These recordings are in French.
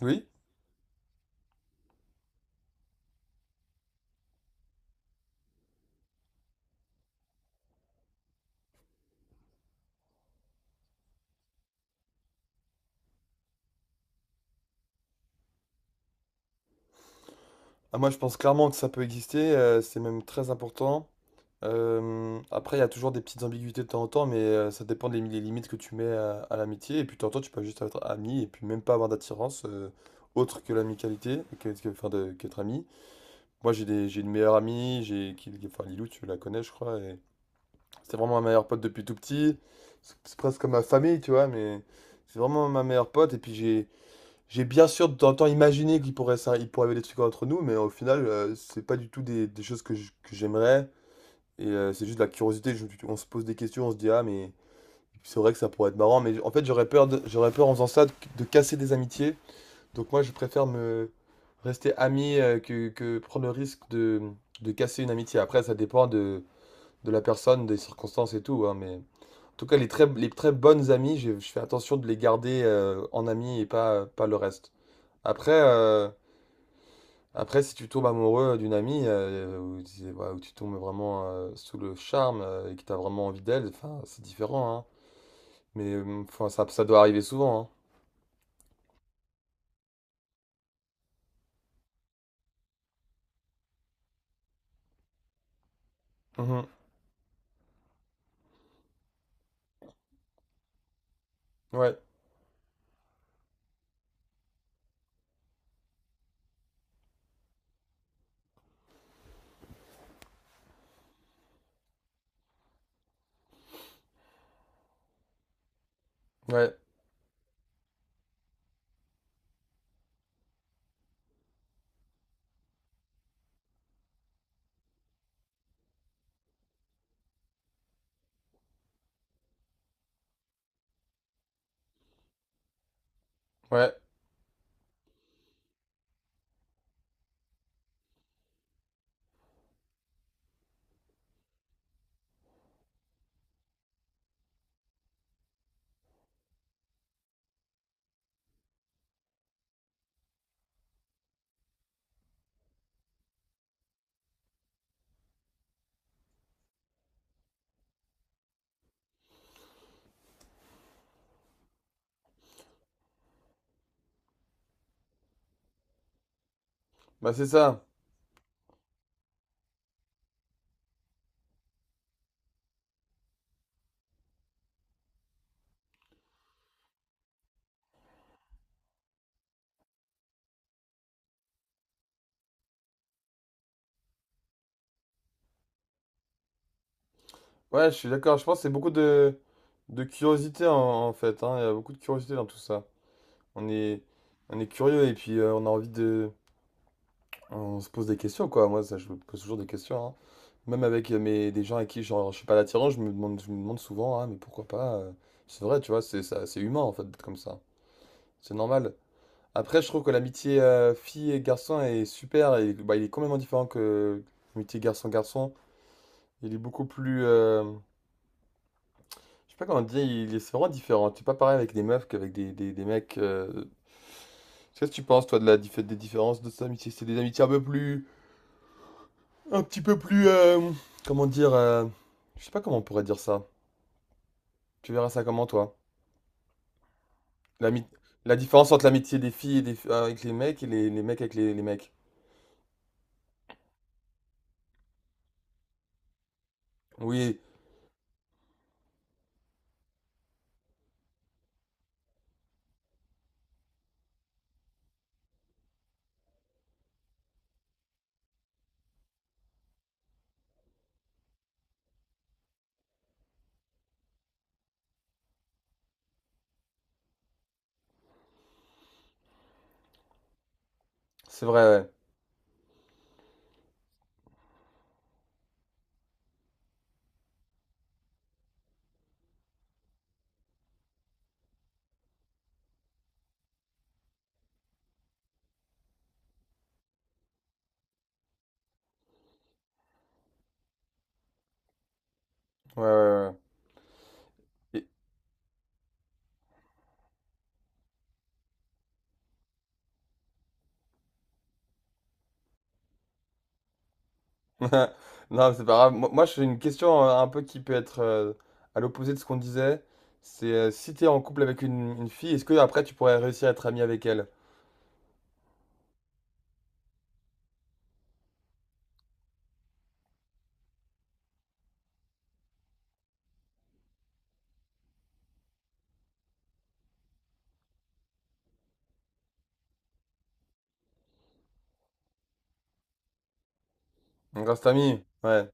Oui, ah, moi je pense clairement que ça peut exister, c'est même très important. Après, il y a toujours des petites ambiguïtés de temps en temps, mais ça dépend des limites que tu mets à l'amitié. Et puis de temps en temps, tu peux juste être ami et puis même pas avoir d'attirance autre que l'amicalité, enfin, qu'être ami. Moi j'ai une meilleure amie, enfin Lilou, tu la connais, je crois. Et c'est vraiment ma meilleure pote depuis tout petit. C'est presque comme ma famille, tu vois, mais c'est vraiment ma meilleure pote. Et puis j'ai bien sûr de temps en temps imaginé qu'il pourrait, ça, il pourrait y avoir des trucs entre nous, mais au final, c'est pas du tout des choses que j'aimerais. Et c'est juste de la curiosité. On se pose des questions, on se dit, ah, mais c'est vrai que ça pourrait être marrant. Mais en fait, j'aurais peur en faisant ça de casser des amitiés. Donc moi, je préfère me rester ami euh, que prendre le risque de casser une amitié. Après, ça dépend de la personne, des circonstances et tout, hein, mais en tout cas, les très bonnes amies, je fais attention de les garder en amis et pas le reste. Après. euh, Après, si tu tombes amoureux d'une amie, ou, voilà, ou tu tombes vraiment sous le charme et que tu as vraiment envie d'elle, enfin, c'est différent, hein. Mais enfin, ça doit arriver souvent, hein. Mhm. Ouais, ouais, ouais. Bah, c'est ça. Ouais, je suis d'accord. Je pense que c'est beaucoup de curiosité, en fait, hein. Il y a beaucoup de curiosité dans tout ça. On est, on est curieux et puis on a envie de... On se pose des questions, quoi. Moi, ça, je me pose toujours des questions, hein. Même avec euh, des gens avec qui genre, je suis pas l'attirance, je me demande souvent, ah, mais pourquoi pas c'est vrai, tu vois, c'est ça, c'est humain en fait d'être comme ça. C'est normal. Après, je trouve que l'amitié fille et garçon est super. Et, bah, il est complètement différent que l'amitié garçon-garçon. Il est beaucoup plus. Je sais pas comment dire, il est c'est vraiment différent. C'est pas pareil avec des meufs qu'avec des mecs. Qu'est-ce que tu penses, toi, de la des différences de ces amitiés? C'est des amitiés un peu plus. Un petit peu plus. Comment dire Je sais pas comment on pourrait dire ça. Tu verras ça comment, toi? L'ami- La différence entre l'amitié des filles et des... avec les mecs et les mecs avec les mecs. Oui, c'est vrai, ouais. Ouais, ouais, ouais, ouais. Et- Non, mais c'est pas grave. Moi, j'ai une question un peu qui peut être à l'opposé de ce qu'on disait. C'est si t'es en couple avec une fille, est-ce que après tu pourrais réussir à être ami avec elle? On reste ami? Ouais.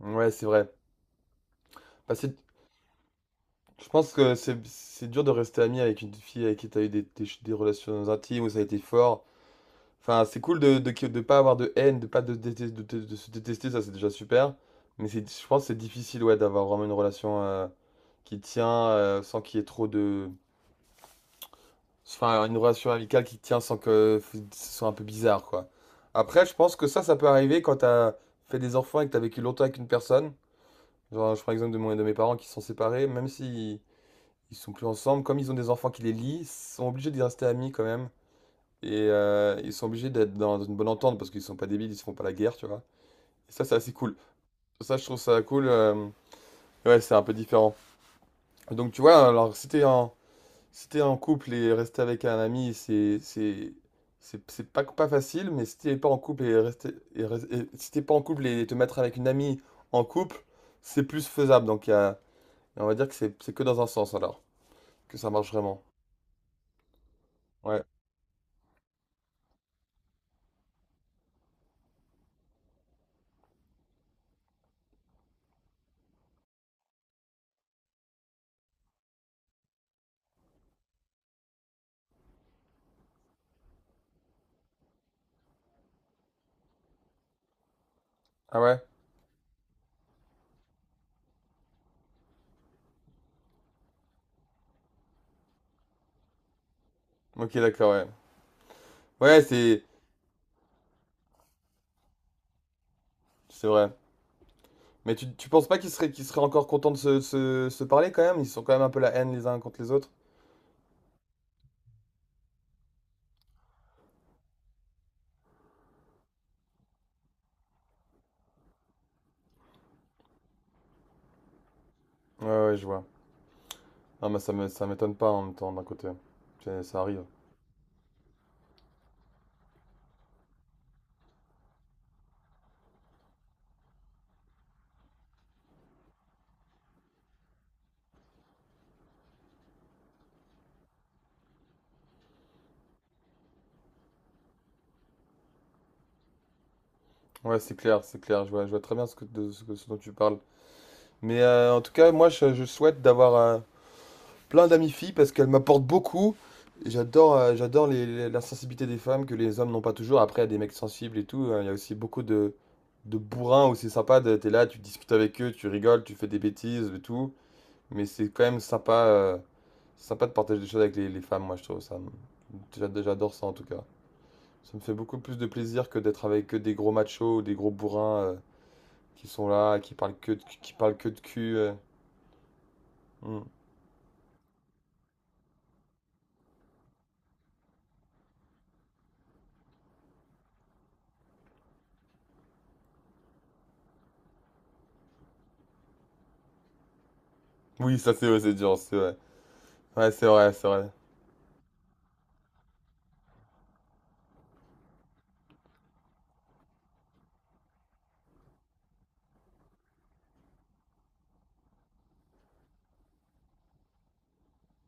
Ouais, c'est vrai. Bah, c'est- je pense que c'est dur de rester ami avec une fille avec qui t'as eu des relations intimes où ça a été fort. Enfin, c'est cool de pas avoir de haine, de pas de, détester- de se détester, ça c'est déjà super. Mais c'est, je pense que c'est difficile ouais, d'avoir vraiment une relation qui tient sans qu'il y ait trop de. Enfin, une relation amicale qui tient sans que ce soit un peu bizarre, quoi. Après, je pense que ça peut arriver quand t'as fait des enfants et que t'as vécu longtemps avec une personne. Genre, je prends l'exemple de, de mes parents qui sont séparés, même s'ils ils sont plus ensemble, comme ils ont des enfants qui les lient, ils sont obligés d'y rester amis quand même. Et ils sont obligés d'être dans une bonne entente parce qu'ils sont pas débiles, ils se font pas la guerre, tu vois. Ça, c'est assez cool. Ça, je trouve ça cool. Ouais, c'est un peu différent. Donc, tu vois, alors, si t'es en couple et rester avec un ami, c'est pas, pas facile, mais si t'es pas en couple et si t'es pas en couple et te mettre avec une amie en couple, c'est plus faisable. On va dire que c'est que dans un sens, alors, que ça marche vraiment. Ouais. Ah ouais? Ok, d'accord, ouais. Ouais, c'est vrai. Mais tu penses pas qu'ils seraient, qu'ils seraient encore contents de se parler quand même? Ils sont quand même un peu la haine les uns contre les autres? Ouais, ouais, je vois. Ah, mais ça m'étonne pas en même temps d'un côté. C'est- Ça arrive. Ouais, c'est clair, c'est clair. Je vois très bien ce que, de, ce que- ce dont tu parles. Mais en tout cas, moi, je souhaite d'avoir plein d'amies filles parce qu'elles m'apportent beaucoup. Et j'adore, la sensibilité des femmes que les hommes n'ont pas toujours. Après, il y a des mecs sensibles et tout, hein, il y a aussi beaucoup de bourrins où c'est sympa. T'es là, tu discutes avec eux, tu rigoles, tu fais des bêtises et tout. Mais c'est quand même sympa, sympa de partager des choses avec les femmes. Moi, je trouve ça. J'adore ça en tout cas. Ça me fait beaucoup plus de plaisir que d'être avec que des gros machos ou des gros bourrins qui sont là, qui parlent que de cul. Hmm. Oui, ça c'est vrai, c'est dur, c'est vrai. Ouais, c'est vrai, c'est vrai.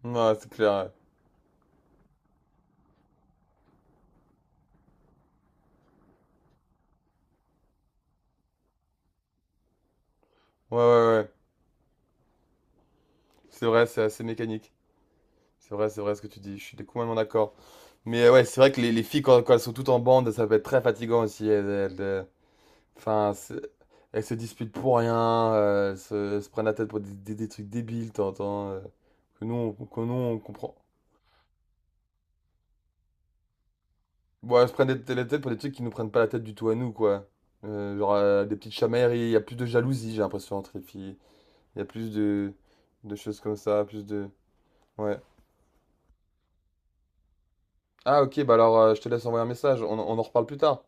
Ouais, c'est clair. Ouais, ouais, ouais, ouais. C'est vrai, c'est assez mécanique. C'est vrai ce que tu dis. Je suis complètement d'accord. Mais ouais, c'est vrai que les filles, quand elles sont toutes en bande, ça peut être très fatigant aussi. Enfin, c'est- Elles se disputent pour rien, elles se prennent la tête pour des trucs débiles, t'entends, que que nous, on comprend. Bon, elles se prennent la tête pour des trucs qui nous prennent pas la tête du tout à nous, quoi. Genre des petites chamailleries, il y a plus de jalousie, j'ai l'impression, entre les filles. Il y a plus de choses comme ça, plus de... Ouais. Ah, ok, bah alors je te laisse envoyer un message, on on en reparle plus tard.